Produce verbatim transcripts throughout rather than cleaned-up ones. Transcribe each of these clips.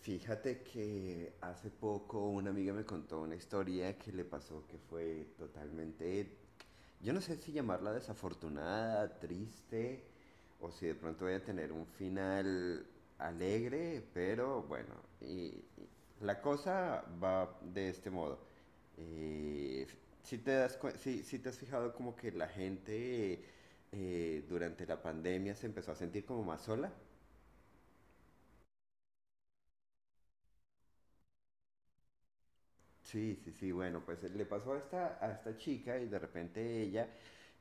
Fíjate que hace poco una amiga me contó una historia que le pasó que fue totalmente, yo no sé si llamarla desafortunada, triste, o si de pronto voy a tener un final alegre, pero bueno, y, y la cosa va de este modo. Eh, si te das cuen- si, si te has fijado como que la gente eh, durante la pandemia se empezó a sentir como más sola. Sí, sí, sí, bueno, pues eh, le pasó a esta, a esta chica y de repente ella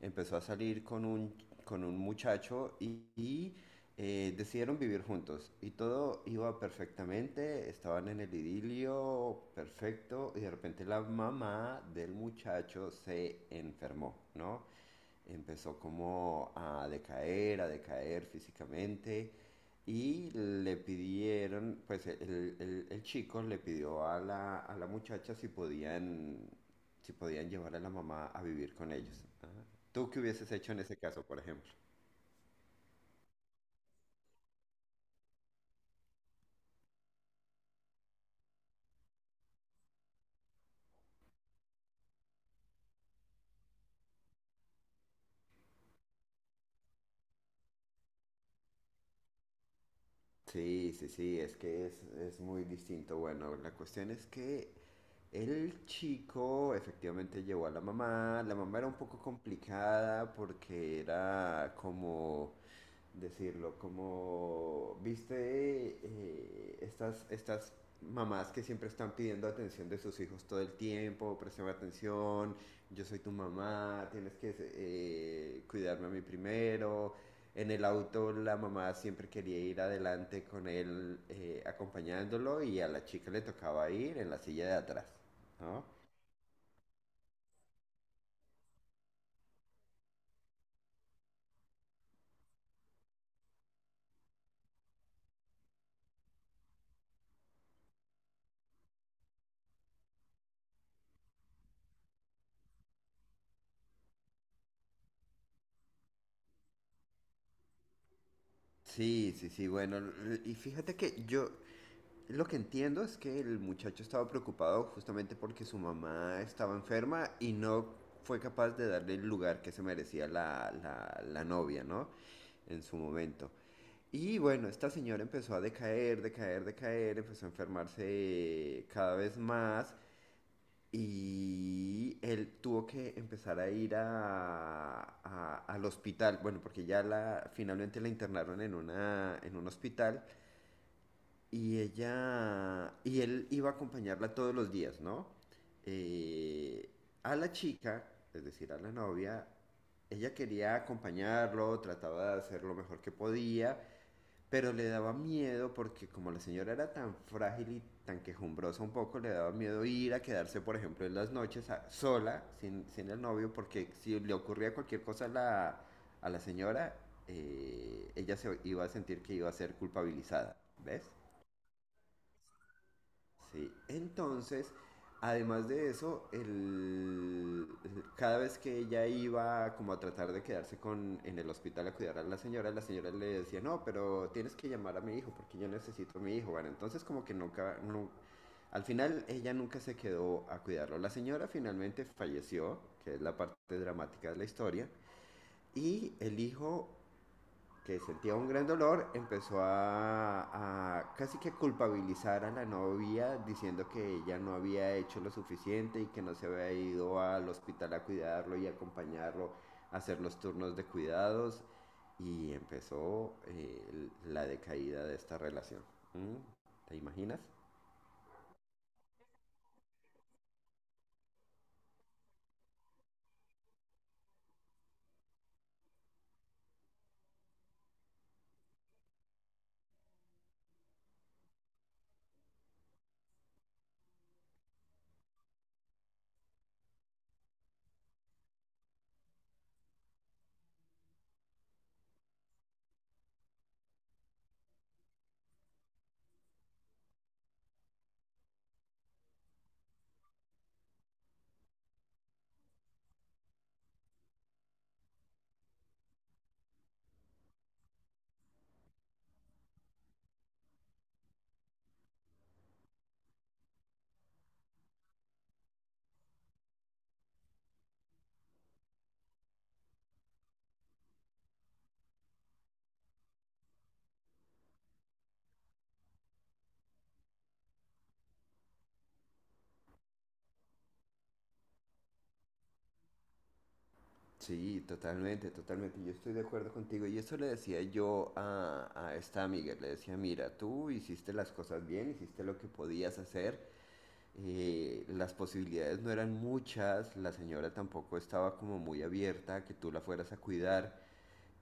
empezó a salir con un, con un muchacho y, y, eh, decidieron vivir juntos y todo iba perfectamente, estaban en el idilio perfecto y de repente la mamá del muchacho se enfermó, ¿no? Empezó como a decaer, a decaer físicamente y le pidieron, pues el, el- el chico le pidió a la, a la muchacha si podían, si podían llevar a la mamá a vivir con ellos. Ajá. ¿Tú qué hubieses hecho en ese caso, por ejemplo? Sí, sí, sí, es que es, es muy distinto. Bueno, la cuestión es que el chico efectivamente llevó a la mamá. La mamá era un poco complicada porque era como decirlo, como, viste, eh, estas, estas mamás que siempre están pidiendo atención de sus hijos todo el tiempo, presión atención, yo soy tu mamá, tienes que eh, cuidarme a mí primero. En el auto la mamá siempre quería ir adelante con él eh, acompañándolo y a la chica le tocaba ir en la silla de atrás, ¿no? Sí, sí, sí, bueno, y fíjate que yo. Lo que entiendo es que el muchacho estaba preocupado justamente porque su mamá estaba enferma y no fue capaz de darle el lugar que se merecía la, la, la novia, ¿no? En su momento. Y bueno, esta señora empezó a decaer, decaer, decaer, empezó a enfermarse cada vez más y él tuvo que empezar a ir a, a- al hospital, bueno, porque ya la, finalmente la internaron en, una, en un hospital y ella, y él iba a acompañarla todos los días, ¿no? Eh, a la chica, es decir, a la novia, ella quería acompañarlo, trataba de hacer lo mejor que podía, pero le daba miedo porque como la señora era tan frágil y tan quejumbrosa un poco, le daba miedo ir a quedarse, por ejemplo, en las noches a- sola, sin, sin el novio, porque si le ocurría cualquier cosa a la, a la señora, eh, ella se iba a sentir que iba a ser culpabilizada, ¿ves? Sí, entonces, además de eso, el, cada vez que ella iba como a tratar de quedarse con, en el hospital a cuidar a la señora, la señora le decía, no, pero tienes que llamar a mi hijo porque yo necesito a mi hijo. Bueno, entonces como que nunca, nu- al final ella nunca se quedó a cuidarlo. La señora finalmente falleció, que es la parte dramática de la historia, y el hijo que sentía un gran dolor, empezó a, a casi que culpabilizar a la novia diciendo que ella no había hecho lo suficiente y que no se había ido al hospital a cuidarlo y acompañarlo a hacer los turnos de cuidados y empezó eh, la decaída de esta relación. ¿Mm? ¿Te imaginas? Sí, totalmente, totalmente. Yo estoy de acuerdo contigo. Y eso le decía yo a, a esta amiga. Le decía, mira, tú hiciste las cosas bien, hiciste lo que podías hacer. eh, las posibilidades no eran muchas, la señora tampoco estaba como muy abierta a que tú la fueras a cuidar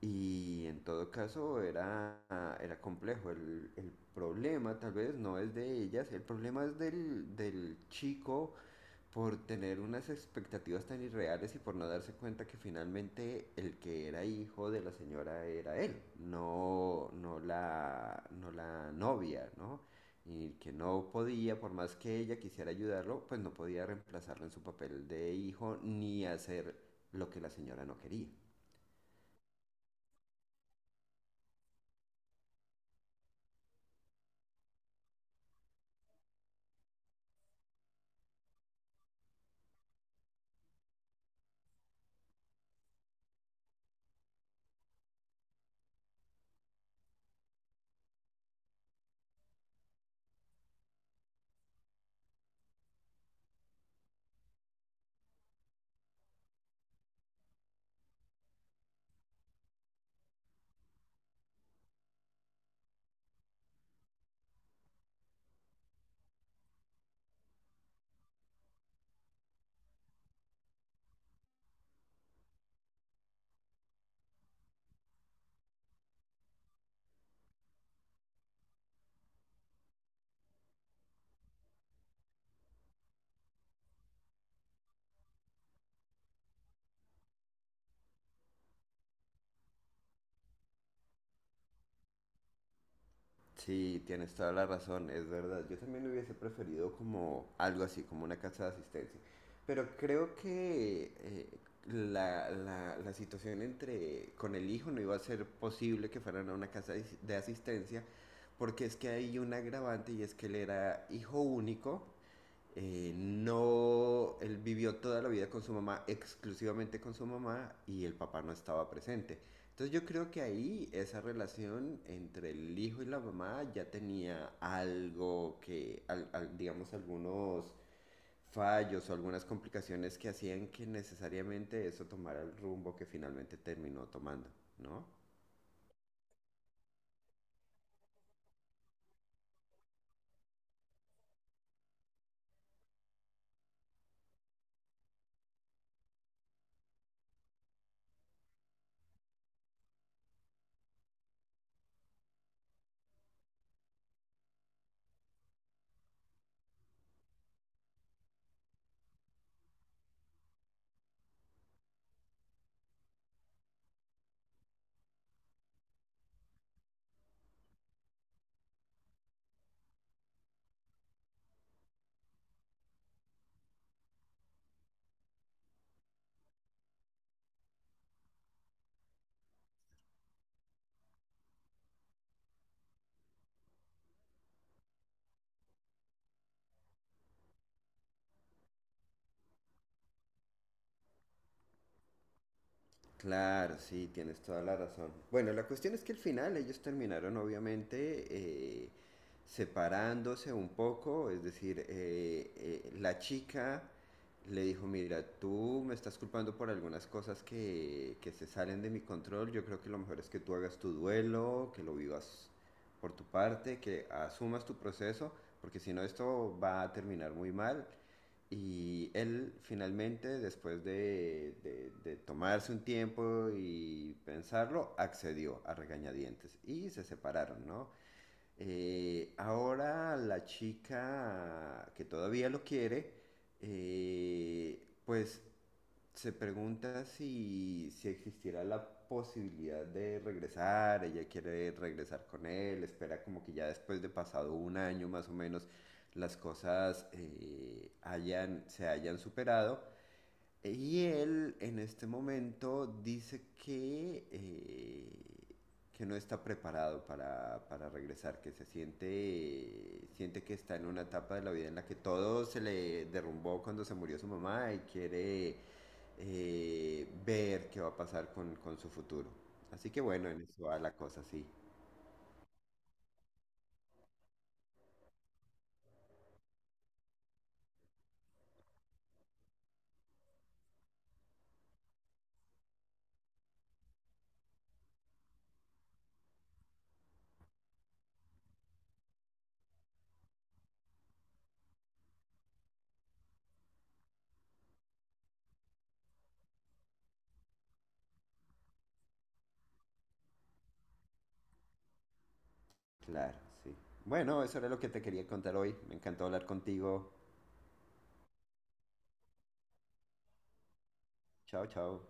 y en todo caso era, era complejo. El, el problema tal vez no es de ellas, el problema es del, del chico por tener unas expectativas tan irreales y por no darse cuenta que finalmente el que era hijo de la señora era él, no, no, la, no la novia, ¿no? Y que no podía, por más que ella quisiera ayudarlo, pues no podía reemplazarlo en su papel de hijo ni hacer lo que la señora no quería. Sí, tienes toda la razón, es verdad. Yo también lo hubiese preferido como algo así, como una casa de asistencia. Pero creo que eh, la, la- la situación entre con el hijo no iba a ser posible que fueran a una casa de de asistencia, porque es que hay un agravante y es que él era hijo único eh, no, él vivió toda la vida con su mamá, exclusivamente con su mamá, y el papá no estaba presente. Entonces yo creo que ahí esa relación entre el hijo y la mamá ya tenía algo que, al- al- digamos, algunos fallos o algunas complicaciones que hacían que necesariamente eso tomara el rumbo que finalmente terminó tomando, ¿no? Claro, sí, tienes toda la razón. Bueno, la cuestión es que al final ellos terminaron obviamente eh, separándose un poco, es decir, eh, eh, la chica le dijo, mira, tú me estás culpando por algunas cosas que, que se salen de mi control, yo creo que lo mejor es que tú hagas tu duelo, que lo vivas por tu parte, que asumas tu proceso, porque si no esto va a terminar muy mal. Y él finalmente, después de, de- de tomarse un tiempo y pensarlo, accedió a regañadientes y se separaron, ¿no? Eh, ahora la chica que todavía lo quiere, eh, pues se pregunta si, si existiera la posibilidad de regresar, ella quiere regresar con él, espera como que ya después de pasado un año más o menos las cosas eh, hayan, se hayan superado y él en este momento dice que, eh, que no está preparado para, para regresar, que se siente, eh, siente que está en una etapa de la vida en la que todo se le derrumbó cuando se murió su mamá y quiere eh, ver qué va a pasar con, con su futuro. Así que bueno, en eso va la cosa, sí. Claro, sí. Bueno, eso era lo que te quería contar hoy. Me encantó hablar contigo. Chao, chao.